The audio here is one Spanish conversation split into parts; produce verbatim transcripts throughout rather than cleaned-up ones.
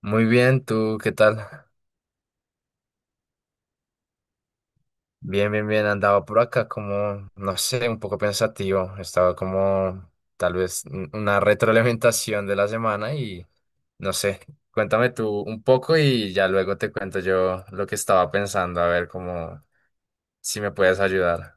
Muy bien, ¿tú qué tal? Bien, bien, bien. Andaba por acá como, no sé, un poco pensativo. Estaba como tal vez un- una retroalimentación de la semana y no sé. Cuéntame tú un poco y ya luego te cuento yo lo que estaba pensando, a ver cómo si me puedes ayudar.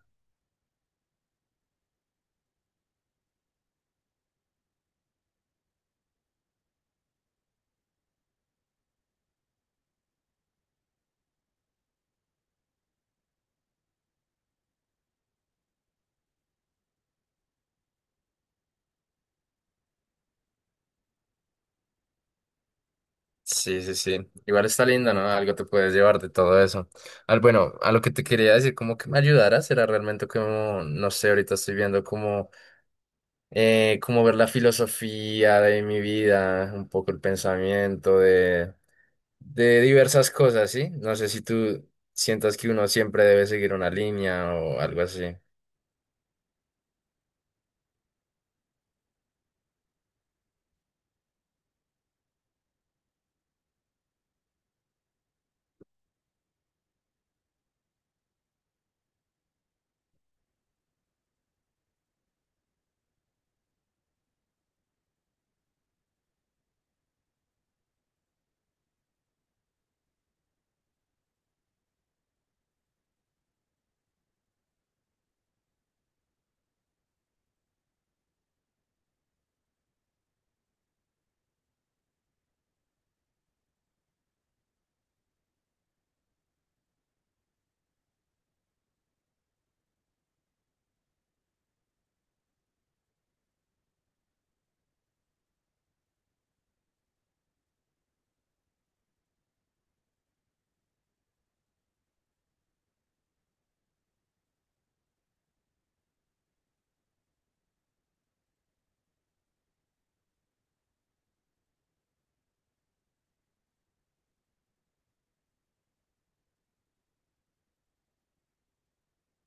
Sí, sí, sí. Igual está lindo, ¿no? Algo te puedes llevar de todo eso. Al, bueno, a lo que te quería decir, como que me ayudaras, era realmente como, no sé, ahorita estoy viendo como eh, como ver la filosofía de mi vida, un poco el pensamiento de, de diversas cosas, ¿sí? No sé si tú sientas que uno siempre debe seguir una línea o algo así. Ok,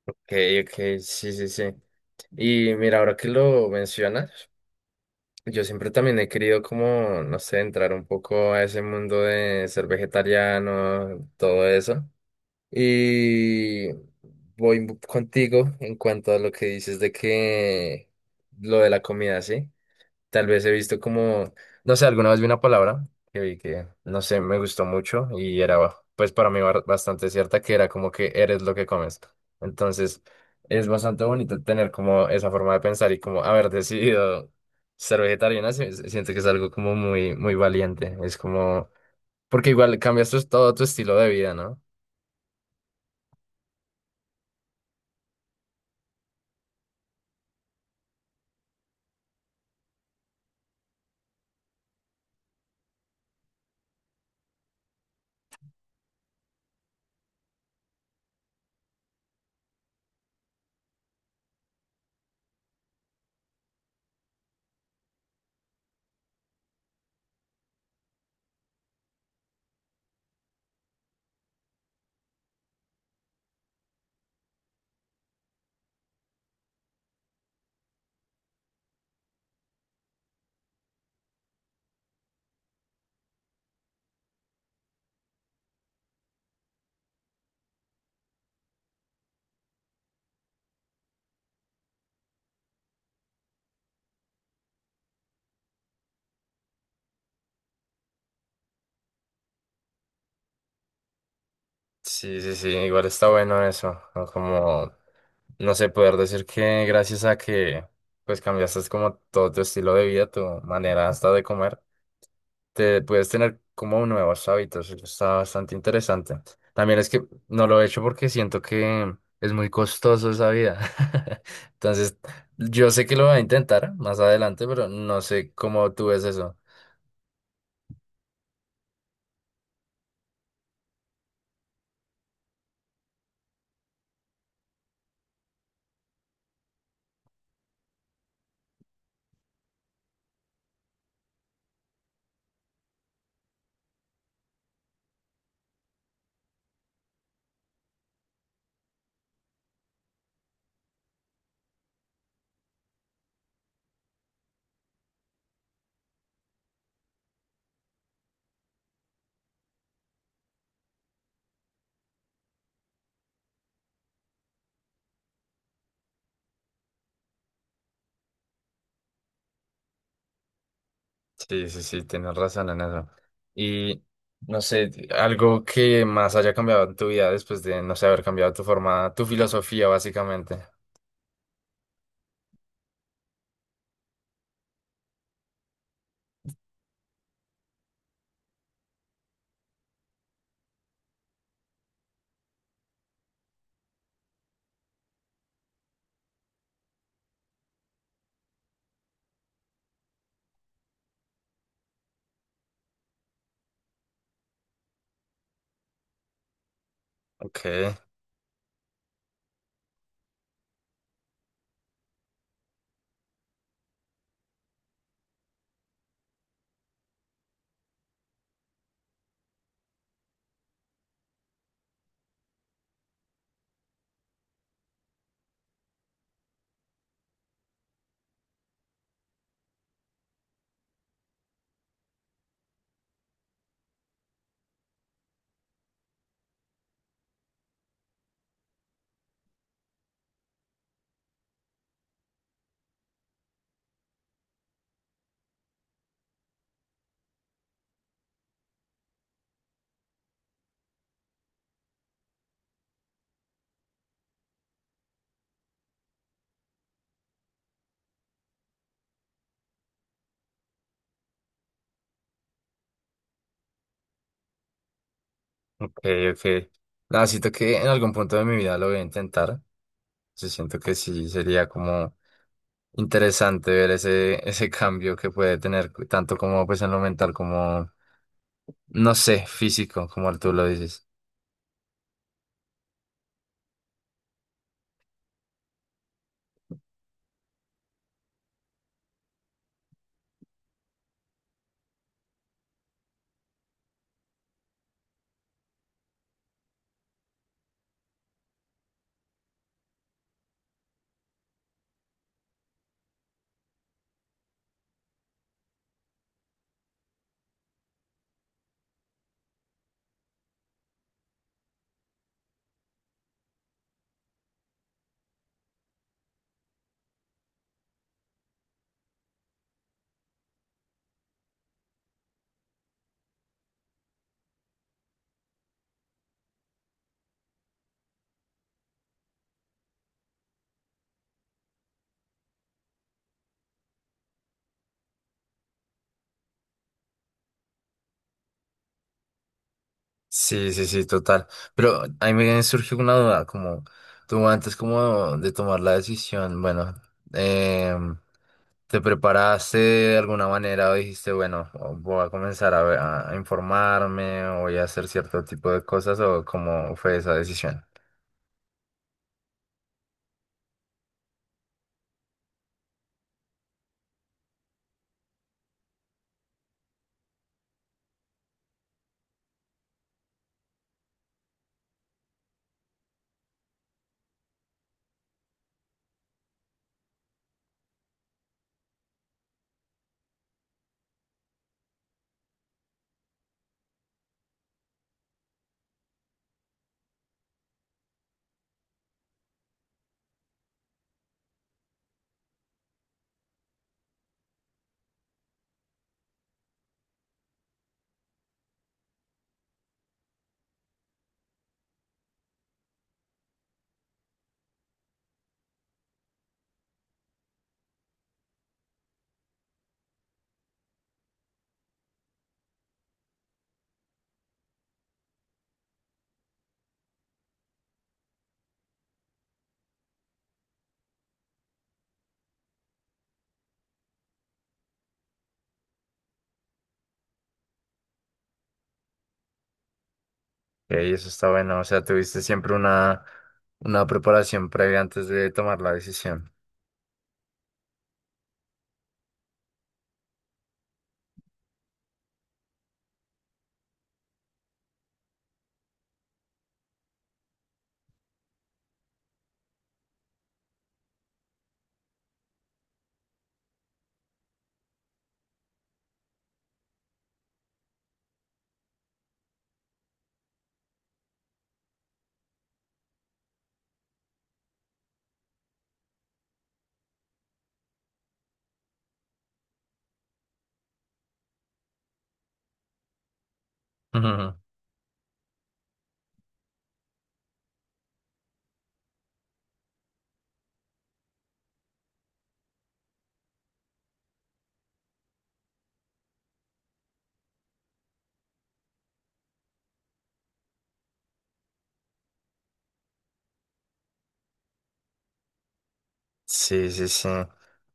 ok, sí, sí, sí. Y mira, ahora que lo mencionas, yo siempre también he querido como, no sé, entrar un poco a ese mundo de ser vegetariano, todo eso. Y voy contigo en cuanto a lo que dices de que lo de la comida, ¿sí? Tal vez he visto como, no sé, alguna vez vi una palabra que vi que, no sé, me gustó mucho y era, pues para mí ba- bastante cierta, que era como que eres lo que comes. Entonces, es bastante bonito tener como esa forma de pensar y como haber decidido ser vegetariana, si- si- siento que es algo como muy, muy valiente. Es como, porque igual cambias tu- todo tu estilo de vida, ¿no? Sí, sí, sí, igual está bueno eso, ¿no? Como, no sé, poder decir que gracias a que, pues, cambiaste como todo tu estilo de vida, tu manera hasta de comer, te puedes tener como nuevos hábitos, eso está bastante interesante. También es que no lo he hecho porque siento que es muy costoso esa vida. Entonces, yo sé que lo voy a intentar más adelante, pero no sé cómo tú ves eso. Sí, sí, sí, tienes razón en eso. Y no sé, algo que más haya cambiado en tu vida después de, no sé, haber cambiado tu forma, tu filosofía, básicamente. Ok, ok, ok. Nada, siento que en algún punto de mi vida lo voy a intentar. Sí, siento que sí sería como interesante ver ese, ese cambio que puede tener, tanto como pues en lo mental, como, no sé, físico, como tú lo dices. Sí, sí, sí, total. Pero a mí me surge una duda, como tú antes como de tomar la decisión, bueno, em, ¿te preparaste de alguna manera o dijiste, bueno, o- voy a comenzar a, ver- a a informarme o voy a hacer cierto tipo de cosas o cómo fue esa decisión? Y eso está bueno, o sea, tuviste siempre una, una preparación previa antes de tomar la decisión. Sí, sí, sí.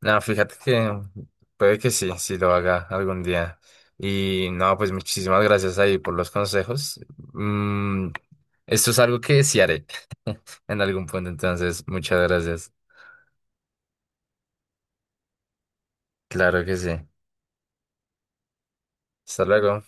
No, fíjate que puede que sí, sí lo haga algún día. Y no, pues muchísimas gracias ahí por los consejos. Mm, esto es algo que sí haré en algún punto, entonces muchas gracias. Claro que sí. Hasta luego.